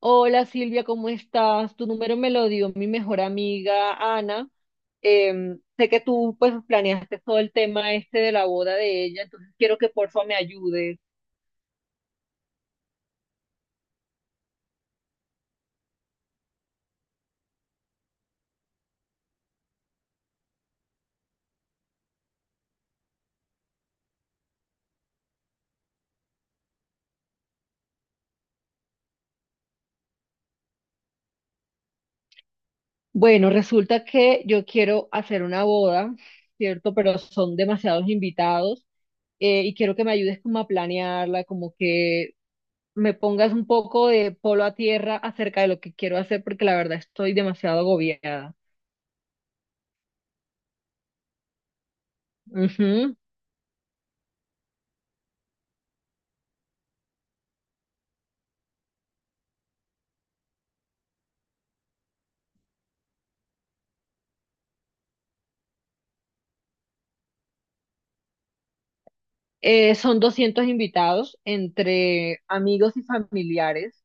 Hola Silvia, ¿cómo estás? Tu número me lo dio mi mejor amiga Ana. Sé que tú pues planeaste todo el tema este de la boda de ella, entonces quiero que porfa me ayudes. Bueno, resulta que yo quiero hacer una boda, ¿cierto? Pero son demasiados invitados, y quiero que me ayudes como a planearla, como que me pongas un poco de polo a tierra acerca de lo que quiero hacer porque la verdad estoy demasiado agobiada. Ujú. Son 200 invitados entre amigos y familiares,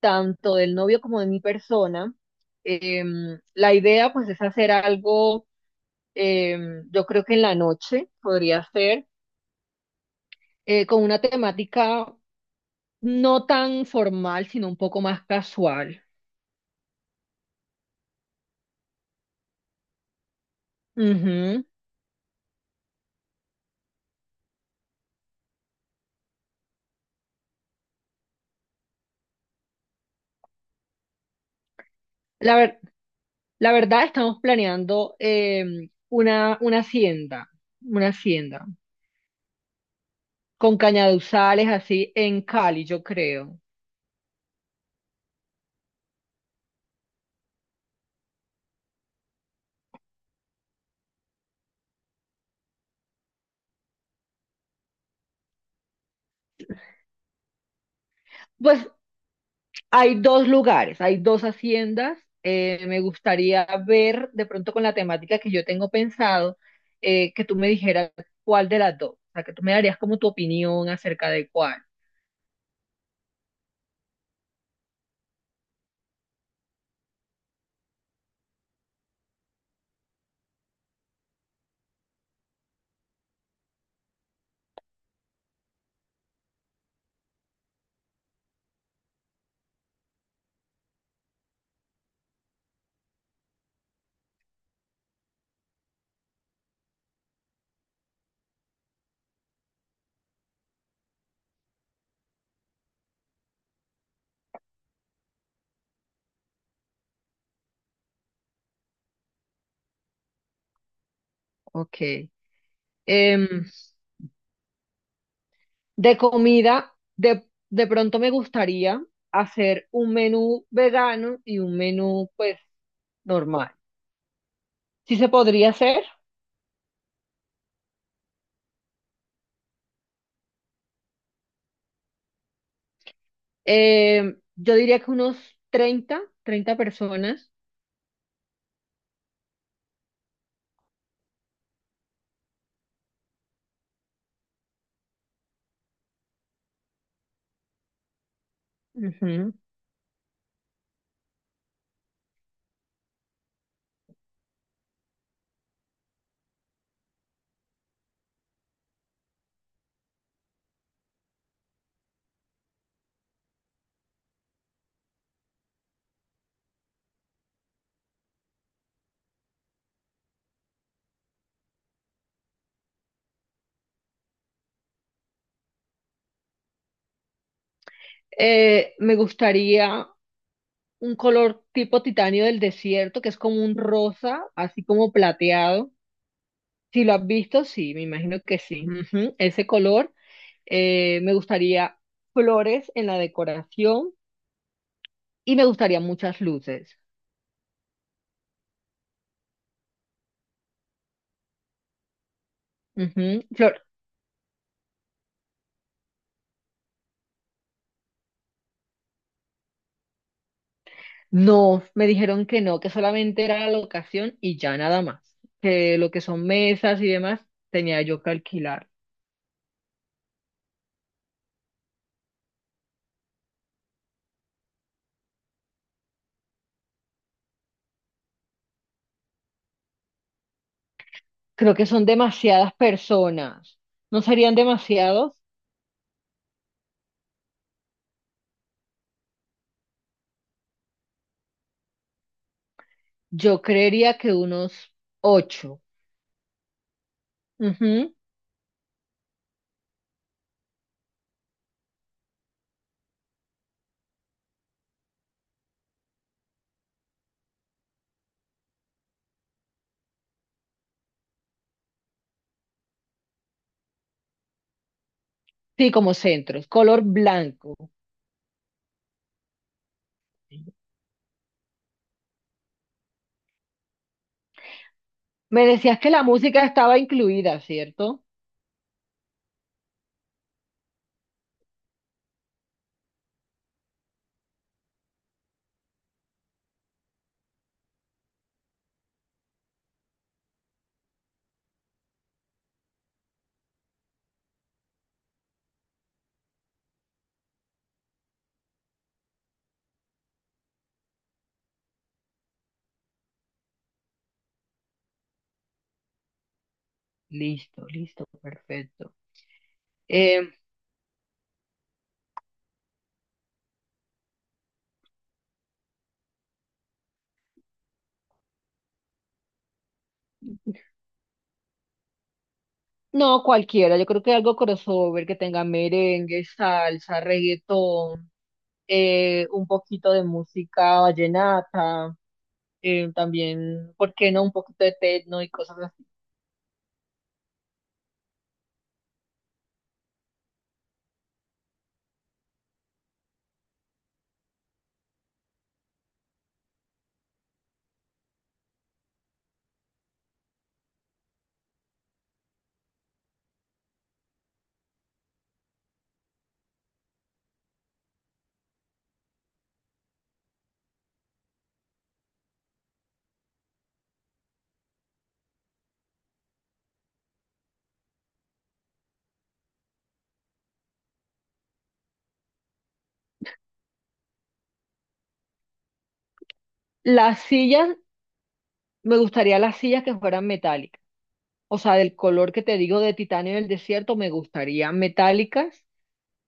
tanto del novio como de mi persona. La idea pues es hacer algo, yo creo que en la noche podría ser, con una temática no tan formal, sino un poco más casual. Ujú. La ver- la verdad, estamos planeando una hacienda, una hacienda, con cañaduzales así en Cali, yo creo. Pues hay dos lugares, hay dos haciendas. Me gustaría ver de pronto con la temática que yo tengo pensado, que tú me dijeras cuál de las dos, o sea, que tú me darías como tu opinión acerca de cuál. Ok. Em, de comida, de pronto me gustaría hacer un menú vegano y un menú pues normal. ¿Sí se podría hacer? Yo diría que unos 30 personas. Ujú. Me gustaría un color tipo titanio del desierto, que es como un rosa, así como plateado. Si lo has visto, sí, me imagino que sí. Ujú, ese color. Me gustaría flores en la decoración y me gustaría muchas luces. Ujú, no, me dijeron que no, que solamente era la locación y ya nada más. Que lo que son mesas y demás tenía yo que alquilar. Creo que son demasiadas personas. ¿No serían demasiados? Yo creería que unos ocho. Ujú. Sí, como centros, color blanco. Me decías que la música estaba incluida, ¿cierto? Listo, listo, perfecto. Eh, No, cualquiera, yo creo que algo crossover que tenga merengue, salsa, reggaetón, un poquito de música vallenata, también, ¿por qué no? Un poquito de techno y cosas así. Las sillas, me gustaría las sillas que fueran metálicas, o sea, del color que te digo de titanio del desierto, me gustaría metálicas.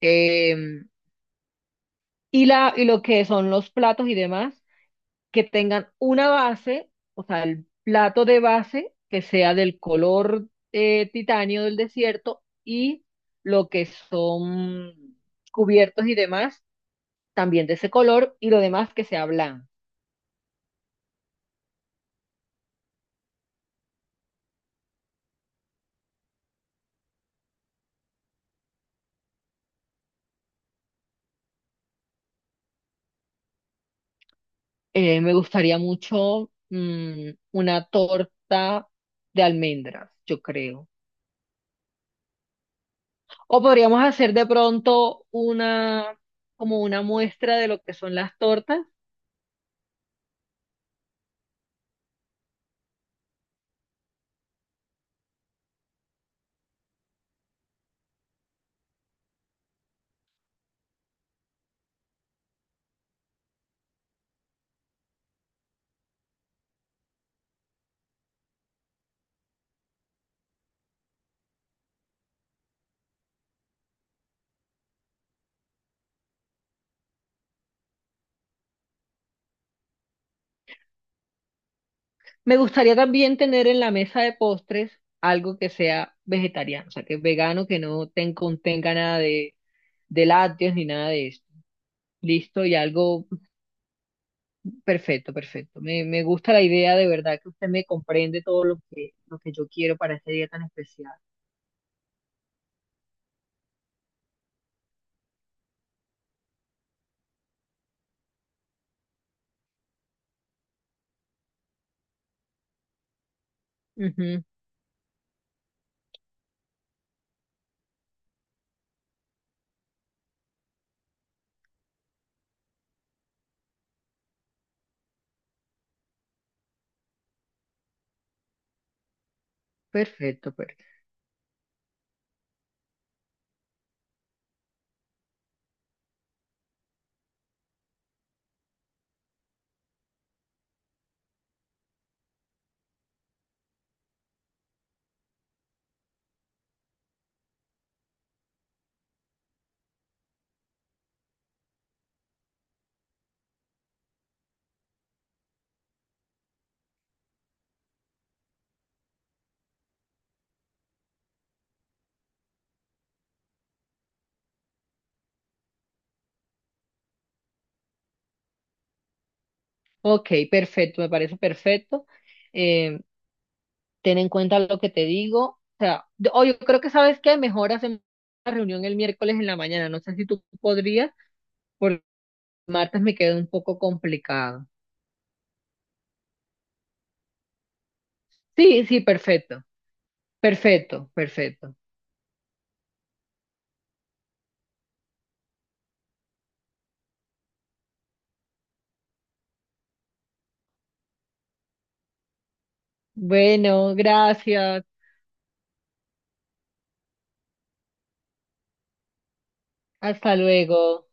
Eh, y, la, y lo que son los platos y demás. Que tengan una base, o sea, el plato de base que sea del color, titanio del desierto, y lo que son cubiertos y demás, también de ese color y lo demás que sea blanco. Me gustaría mucho, mm, una torta de almendras, yo creo. O podríamos hacer de pronto una, como una muestra de lo que son las tortas. Me gustaría también tener en la mesa de postres algo que sea vegetariano, o sea, que es vegano, que no ten- contenga nada de, de lácteos ni nada de esto. Listo, y algo perfecto, perfecto. Me gusta la idea de verdad que usted me comprende todo lo que yo quiero para ese día tan especial. Ujú, perfecto, perfecto. Ok, perfecto, me parece perfecto. Eh, ten en cuenta lo que te digo. O sea, o yo creo que sabes que mejor hacemos la reunión el miércoles en la mañana. No sé si tú podrías. Martes me quedó un poco complicado. Sí, sí, perfecto. Perfecto, perfecto. Bueno, gracias. Hasta luego.